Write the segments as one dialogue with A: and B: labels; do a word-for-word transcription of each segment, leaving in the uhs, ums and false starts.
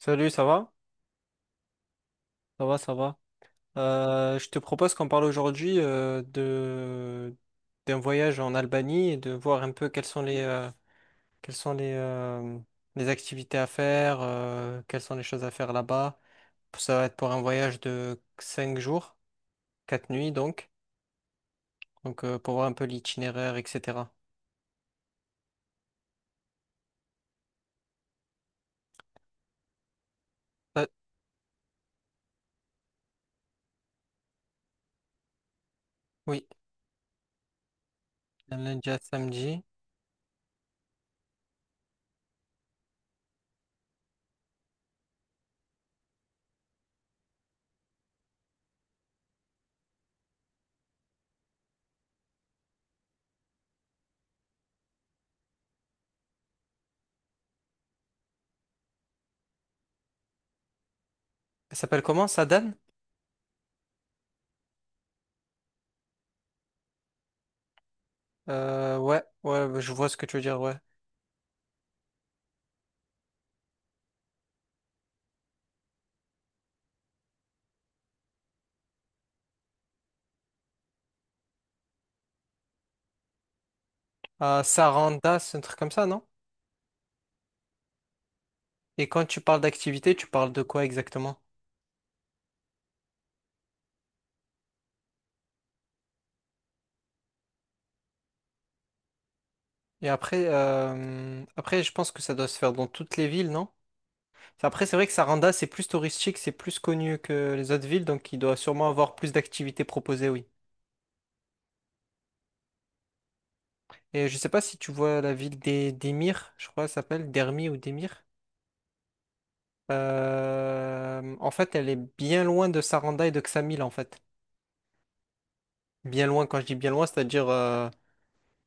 A: Salut, ça va? Ça va, ça va. Euh, je te propose qu'on parle aujourd'hui euh, de d'un voyage en Albanie et de voir un peu quelles sont les euh, quelles sont les euh, les activités à faire, euh, quelles sont les choses à faire là-bas. Ça va être pour un voyage de cinq jours, quatre nuits donc. Donc euh, pour voir un peu l'itinéraire, et cetera. Euh, oui, un lundi à samedi. Ça s'appelle comment, Sadan? Euh, ouais, ouais, je vois ce que tu veux dire, ouais. Euh, Saranda, c'est un truc comme ça, non? Et quand tu parles d'activité, tu parles de quoi exactement? Et après, euh, après, je pense que ça doit se faire dans toutes les villes, non? Enfin, après, c'est vrai que Saranda, c'est plus touristique, c'est plus connu que les autres villes, donc il doit sûrement avoir plus d'activités proposées, oui. Et je sais pas si tu vois la ville des d'Emir, je crois, qu'elle s'appelle Dermi ou Demir. Euh, en fait, elle est bien loin de Saranda et de Ksamil, en fait. Bien loin, quand je dis bien loin, c'est-à-dire euh,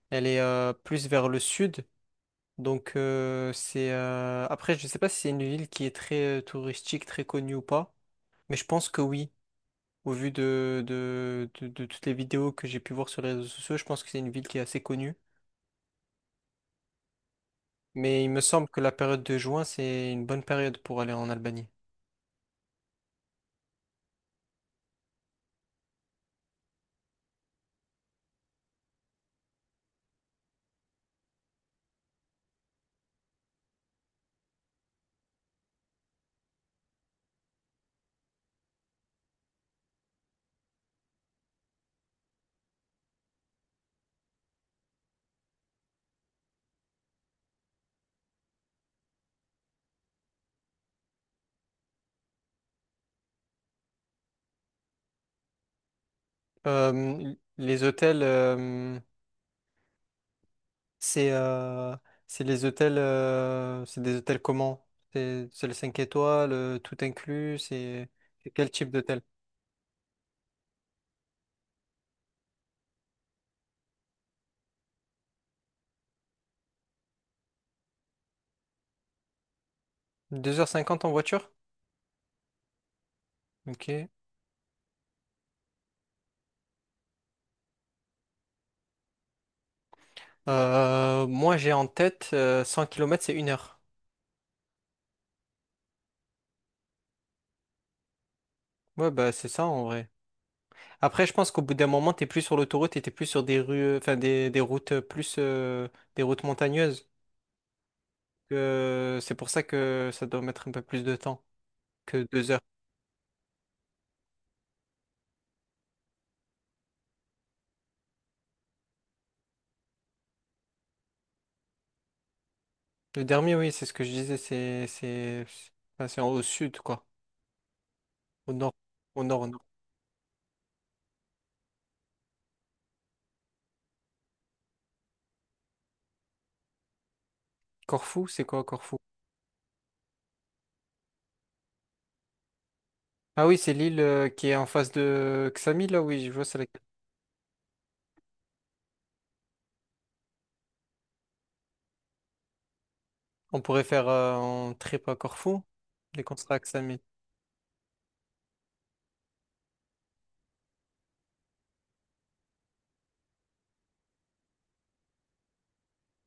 A: elle est euh, plus vers le sud. Donc euh, c'est euh, après je sais pas si c'est une ville qui est très euh, touristique, très connue ou pas, mais je pense que oui. Au vu de, de, de, de toutes les vidéos que j'ai pu voir sur les réseaux sociaux, je pense que c'est une ville qui est assez connue. Mais il me semble que la période de juin, c'est une bonne période pour aller en Albanie. Euh, les hôtels, euh, c'est euh, c'est les hôtels, euh, c'est des hôtels comment? C'est c'est les cinq étoiles, euh, tout inclus, c'est c'est quel type d'hôtel? Deux heures cinquante en voiture? Ok. Euh, moi, j'ai en tête euh, cent kilomètres, c'est une heure. Ouais, bah c'est ça en vrai. Après, je pense qu'au bout d'un moment, t'es plus sur l'autoroute et t'es plus sur des rues, enfin des, des routes euh, plus, euh, des routes montagneuses. Euh, c'est pour ça que ça doit mettre un peu plus de temps que deux heures. Le dernier, oui, c'est ce que je disais, c'est c'est enfin, c'est en- au sud, quoi. Au nord, au nord, au nord. Corfou, c'est quoi Corfou? Ah oui, c'est l'île euh, qui est en face de Xamil, là, oui, je vois, c'est laquelle. On pourrait faire euh, un trip à Corfou, des concerts à Xamil.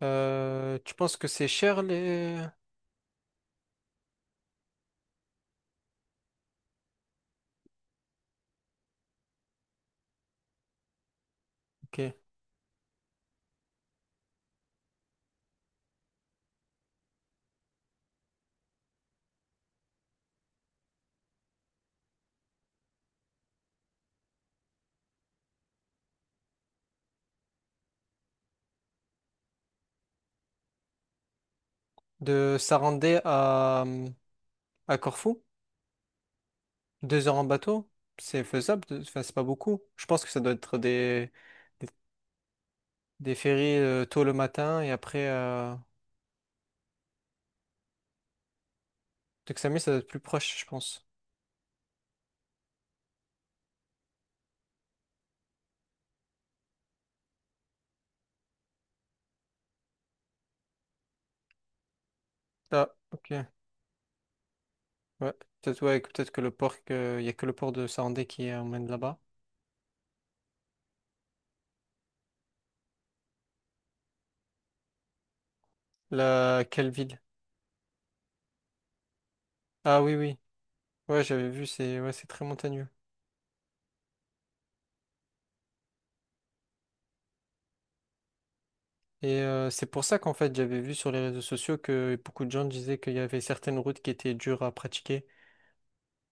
A: Euh, tu penses que c'est cher les… Ok. De Sarandé à, à Corfou, deux heures en bateau, c'est faisable, de- enfin c'est pas beaucoup. Je pense que ça doit être des, des, des ferries euh, tôt le matin et après… Euh… De Xamil, ça doit être plus proche, je pense. Ah, ok. Ouais. Peut-être ouais, peut-être que le port, que… il y a que le port de Sarandé qui emmène là-bas. La… Quelle ville? Ah oui, oui. Ouais, j'avais vu, c'est ouais, c'est très montagneux. Et euh, c'est pour ça qu'en fait, j'avais vu sur les réseaux sociaux que beaucoup de gens disaient qu'il y avait certaines routes qui étaient dures à pratiquer,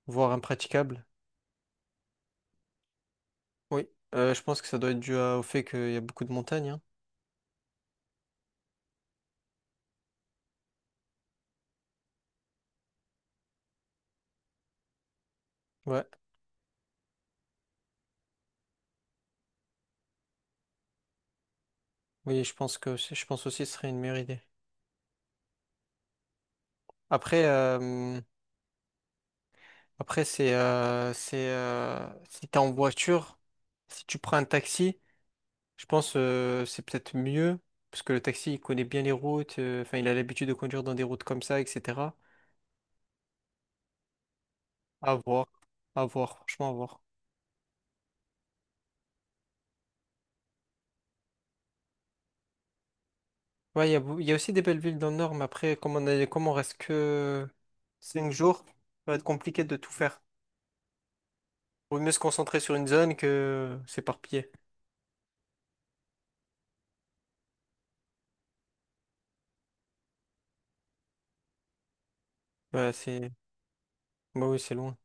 A: voire impraticables. Oui, Euh, je pense que ça doit être dû à- au fait qu'il y a beaucoup de montagnes, hein. Ouais, oui, je pense que aussi- je pense aussi que ce serait une meilleure idée. Après, euh, après c'est euh, c'est euh, si t'es en voiture, si tu prends un taxi, je pense euh, c'est peut-être mieux parce que le taxi il connaît bien les routes, euh, enfin il a l'habitude de conduire dans des routes comme ça, et cetera. À voir, à voir, franchement à voir. Ouais, il y a, beau- il y a aussi des belles villes dans le nord, mais après, comme on est- comme on reste que cinq jours, ça va être compliqué de tout faire. Vaut mieux se concentrer sur une zone que s'éparpiller. Ouais, c'est… Bah oui, c'est loin.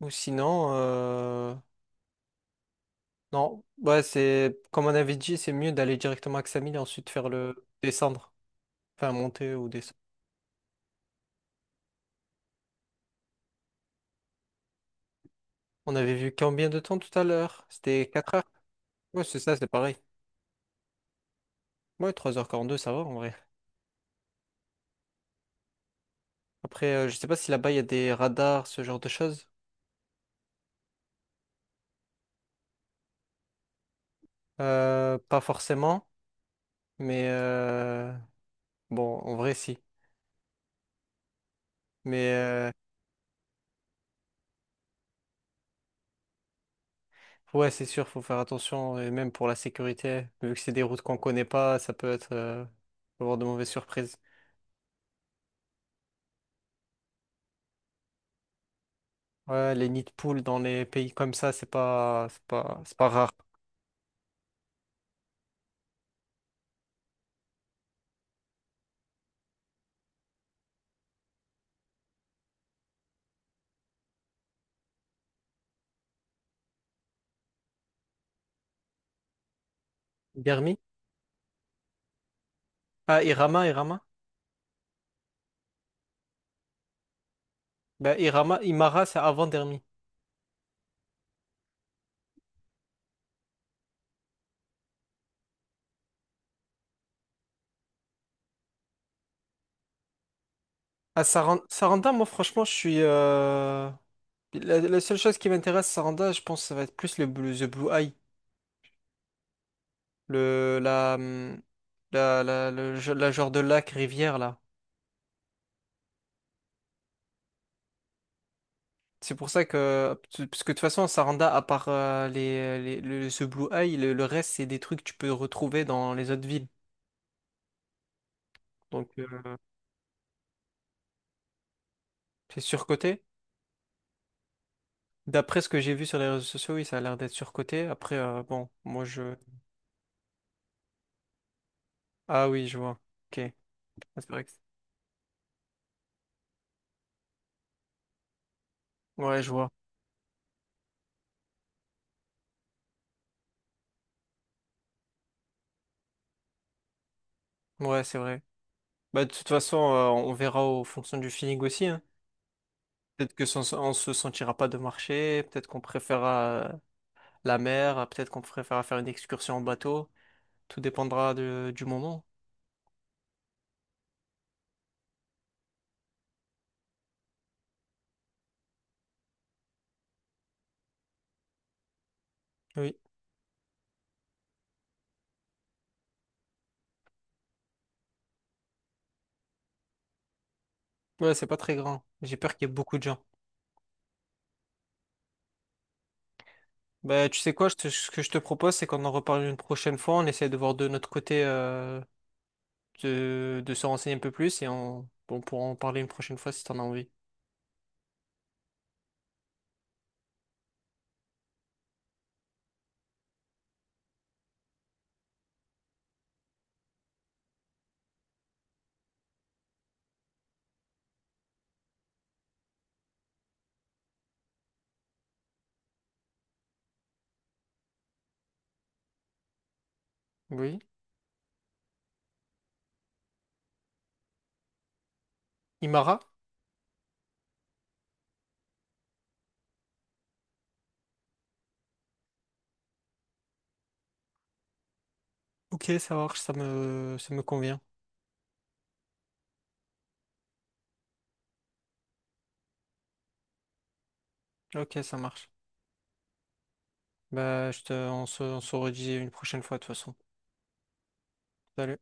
A: Ou sinon, euh, non, ouais, c'est… Comme on avait dit, c'est mieux d'aller directement à Ksamil et ensuite faire le… descendre. Enfin, monter ou descendre. On avait vu combien de temps tout à l'heure? C'était quatre heures. Ouais, c'est ça, c'est pareil. Ouais, trois heures quarante-deux ça va en vrai. Après, euh, je sais pas si là-bas, il y a des radars, ce genre de choses. Euh, pas forcément. Mais euh, bon, en vrai, si. Mais euh, ouais, c'est sûr, faut faire attention, et même pour la sécurité, vu que c'est des routes qu'on connaît pas, ça peut être euh, peut avoir de mauvaises surprises. Ouais, les nids de poules dans les pays comme ça, c'est pas, c'est pas, c'est pas rare. Dermi? Ah, Irama, Irama? Bah Irama, Imara, c'est avant Dermi. Ah, Saran- Saranda, moi, franchement, je suis, euh, la, la seule chose qui m'intéresse, Saranda, je pense que ça va être plus le blue, The Blue Eye. Le, la, hum, la, la, le ge- la genre de lac, rivière, là. C'est pour ça que, parce que de toute façon, Saranda, à part euh, les, les- le- ce Blue Eye, le, le reste, c'est des trucs que tu peux retrouver dans les autres villes. Donc, euh, c'est surcoté. D'après ce que j'ai vu sur les réseaux sociaux, oui, ça a l'air d'être surcoté. Après, euh, bon, moi, je… Ah oui, je vois. Ok. Ah, c'est vrai que… Ouais, je vois. Ouais, c'est vrai. Bah, de toute façon, euh, on verra en fonction du feeling aussi, hein. Peut-être que sans- on se sentira pas de marcher, peut-être qu'on préférera la mer, euh, peut-être qu'on préférera faire une excursion en bateau. Tout dépendra de- du moment. Oui. Ouais, c'est pas très grand. J'ai peur qu'il y ait beaucoup de gens. Bah, tu sais quoi, je te- ce que je te propose, c'est qu'on en reparle une prochaine fois. On essaie de voir de notre côté, euh, de, de se renseigner un peu plus et on, on pourra en parler une prochaine fois si t'en as envie. Oui. Imara? Ok, ça marche, ça me, ça me convient. Ok, ça marche. Bah, je te, on se, on se redit une prochaine fois de toute façon. Salut.